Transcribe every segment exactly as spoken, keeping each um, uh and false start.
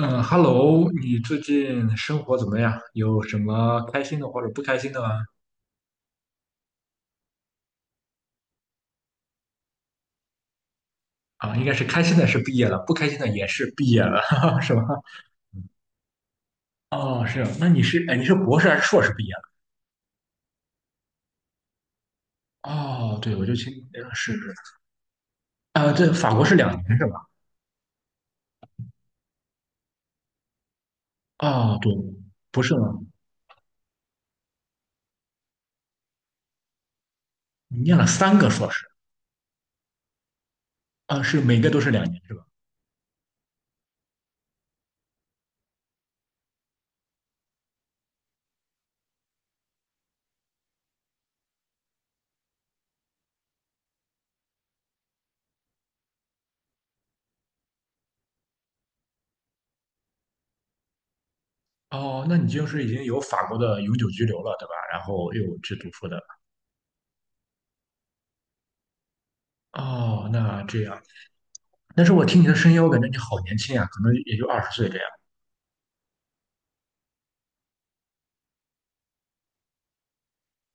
嗯，Hello，你最近生活怎么样？有什么开心的或者不开心的吗？啊，应该是开心的是毕业了，不开心的也是毕业了，是吧？哦，是，那你是，哎，你是博士还是硕士毕业了？哦，对，我就听，呃是，啊，对，法国是两年是吧？啊，对，不是吗？你念了三个硕士，啊，是每个都是两年是吧？哦，那你就是已经有法国的永久居留了，对吧？然后又去读书的。哦，那这样。但是我听你的声音，我感觉你好年轻啊，可能也就二十岁这样。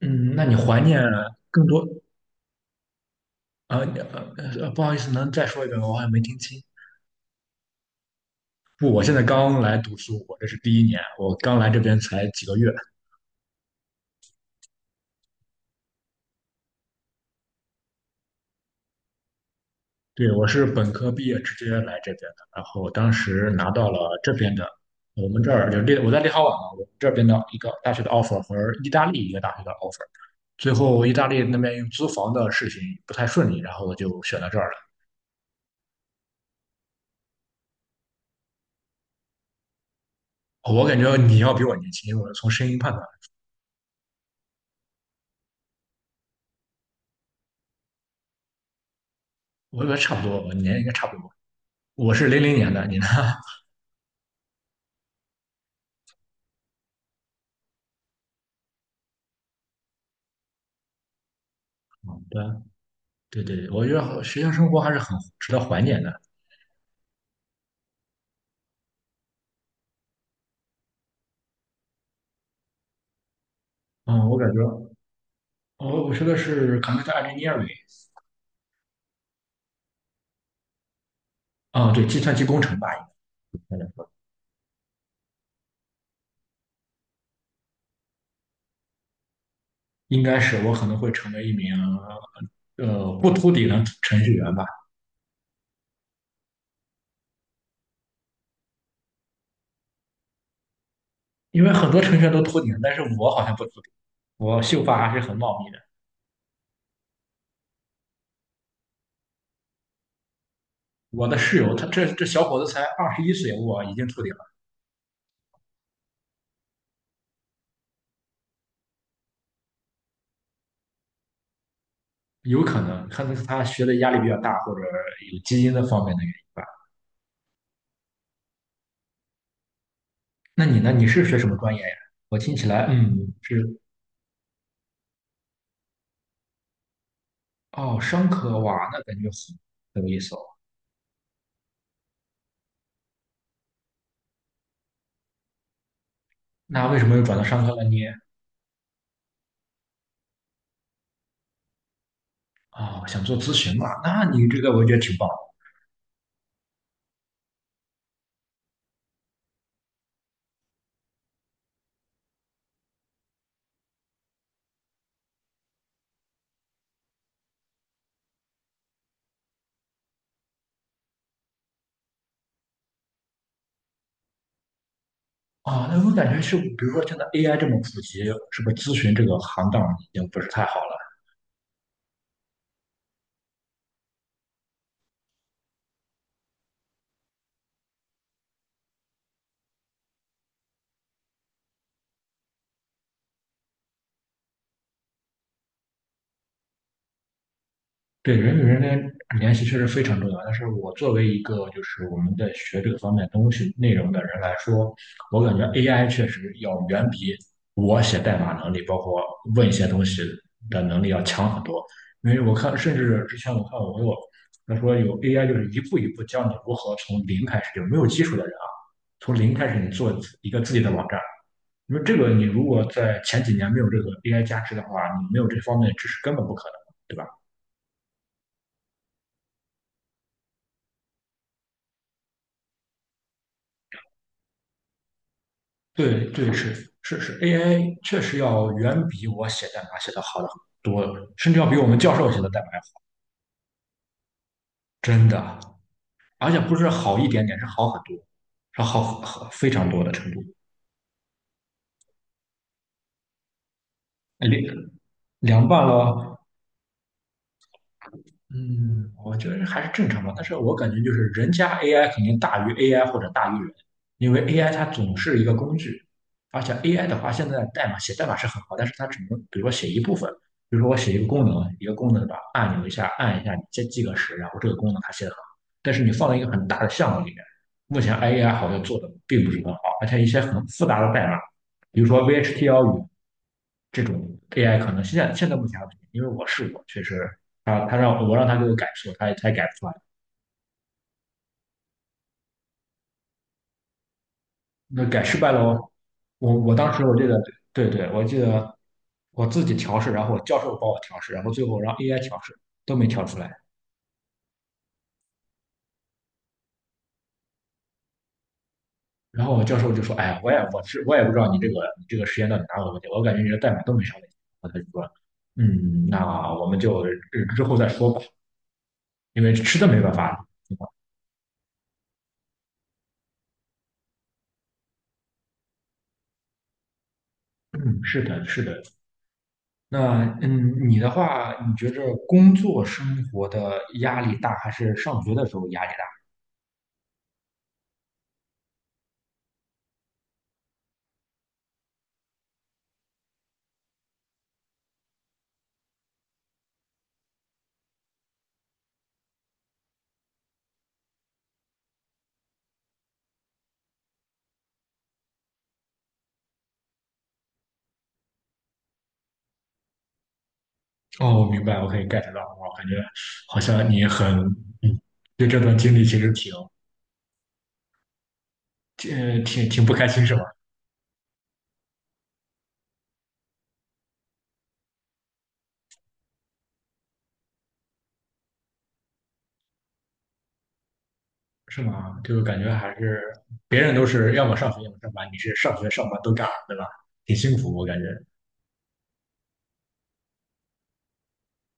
嗯，那你怀念更多？呃呃呃，不好意思，能再说一遍吗？我好像没听清。不，我现在刚来读书，我这是第一年，我刚来这边才几个月。对，我是本科毕业直接来这边的，然后当时拿到了这边的，我们这儿就立，我在立陶宛嘛，我们这边的一个大学的 offer 和意大利一个大学的 offer。最后意大利那边用租房的事情不太顺利，然后我就选到这儿来。哦我感觉你要比我年轻，我从声音判断，我觉得差不多，我年龄应该差不多。我是零零年的，你呢？好的，对对对，我觉得学校生活还是很值得怀念的。嗯，我感觉，我我学的是 computer engineering，啊、哦对，计算机工程吧，应该说应该是我可能会成为一名呃不秃顶的程序员吧，因为很多程序员都秃顶，但是我好像不秃顶，我秀发还是很茂密的。我的室友他这这小伙子才二十一岁，我已经秃顶。有可能，可能是他学的压力比较大，或者有基因的方面的原因吧。那你呢？你是学什么专业呀？我听起来，嗯，是哦，商科哇，那感觉很很有意思哦。那为什么又转到商科了呢？啊，想做咨询嘛？那你这个我觉得挺棒的啊。哦那我感觉是，比如说现在 A I 这么普及，是不是咨询这个行当已经不是太好了？对人与人的联系确实非常重要，但是我作为一个就是我们在学这个方面东西内容的人来说，我感觉 A I 确实要远比我写代码能力，包括问一些东西的能力要强很多。因为我看，甚至之前我看我有他说有 A I 就是一步一步教你如何从零开始，就没有基础的人啊，从零开始你做一个自己的网站。因为这个你如果在前几年没有这个 A I 加持的话，你没有这方面的知识根本不可能，对吧？对对是是是，A I 确实要远比我写代码写的好的很多，甚至要比我们教授写的代码要好，真的，而且不是好一点点，是好很多，是好好非常多的程度，两两半了哦。嗯，我觉得还是正常吧，但是我感觉就是人家 A I 肯定大于 AI 或者大于人，因为 AI 它总是一个工具，而且 A I 的话，现在代码写代码是很好，但是它只能比如说写一部分，比如说我写一个功能，一个功能的按钮一下按一下，你再记个时，然后这个功能它写的很好，但是你放在一个很大的项目里面，目前 A I 好像做的并不是很好，而且一些很复杂的代码，比如说 v h T l 语这种 A I 可能现在现在目前还不行，因为我试过，确实他他让我让他给我改错，他也他也改不出来，那改失败了我我我当时我记得对对，我记得我自己调试，然后我教授帮我调试，然后最后让 A I 调试都没调出来，然后我教授就说，哎呀，我也我是我也不知道你这个你这个实验到底哪有问题，我感觉你的代码都没啥问题，然后他就说，嗯，那我们就之后再说吧，因为实在没办法了。嗯，是的，是的，那嗯，你的话，你觉着工作生活的压力大，还是上学的时候压力大？哦，我明白，我可以 get 到。我感觉好像你很，嗯，对这段经历其实挺，挺挺挺不开心，是吧？是吗？就感觉还是别人都是要么上学，要么上班，你是上学上班都干，对吧？挺辛苦，我感觉。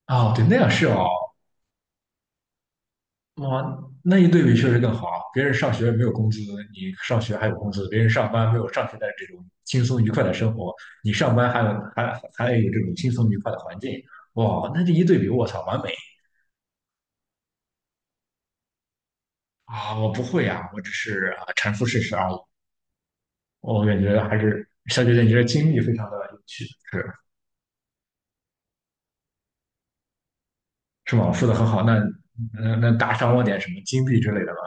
哦，对，那样是哦。哇，那一对比确实更好啊。别人上学没有工资，你上学还有工资；别人上班没有上学的这种轻松愉快的生活，你上班还有还还有这种轻松愉快的环境。哇，那这一对比，我操，完美啊！我不会啊，我只是啊阐述事实而已。我感觉还是小姐姐，你这经历非常的有趣，是是吗？说的很好。那那那打赏我点什么金币之类的吧？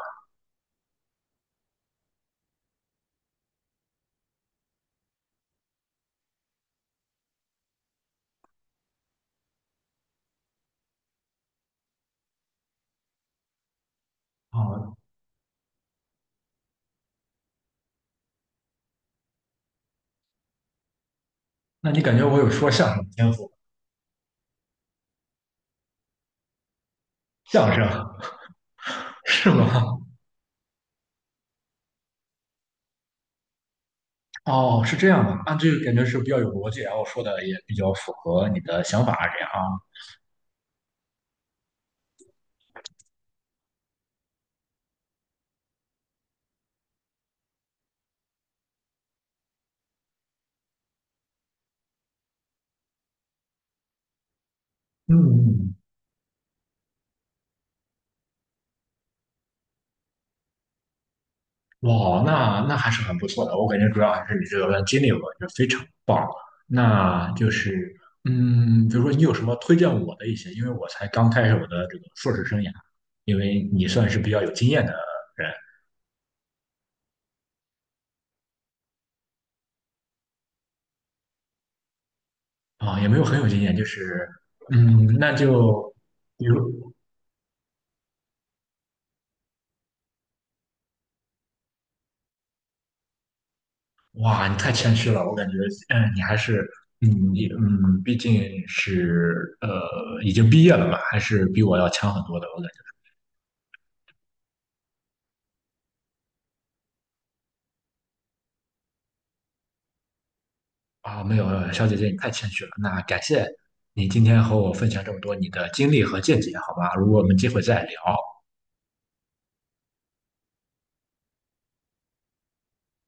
啊，那你感觉我有说相声的天赋？相声是吗？哦，是这样的，那这个感觉是比较有逻辑，然后说的也比较符合你的想法，这样啊。嗯，哇，那那还是很不错的，我感觉主要还是你这段经历，我感觉非常棒。那就是，嗯，比如说你有什么推荐我的一些，因为我才刚开始我的这个硕士生涯，因为你算是比较有经验的人啊，也没有很有经验，就是，嗯，那就比如。哇，你太谦虚了，我感觉，嗯，你还是，嗯，你，嗯，毕竟是，呃，已经毕业了嘛，还是比我要强很多的，我感觉。啊，没有，呃小姐姐，你太谦虚了。那感谢你今天和我分享这么多你的经历和见解，好吧？如果我们机会再聊。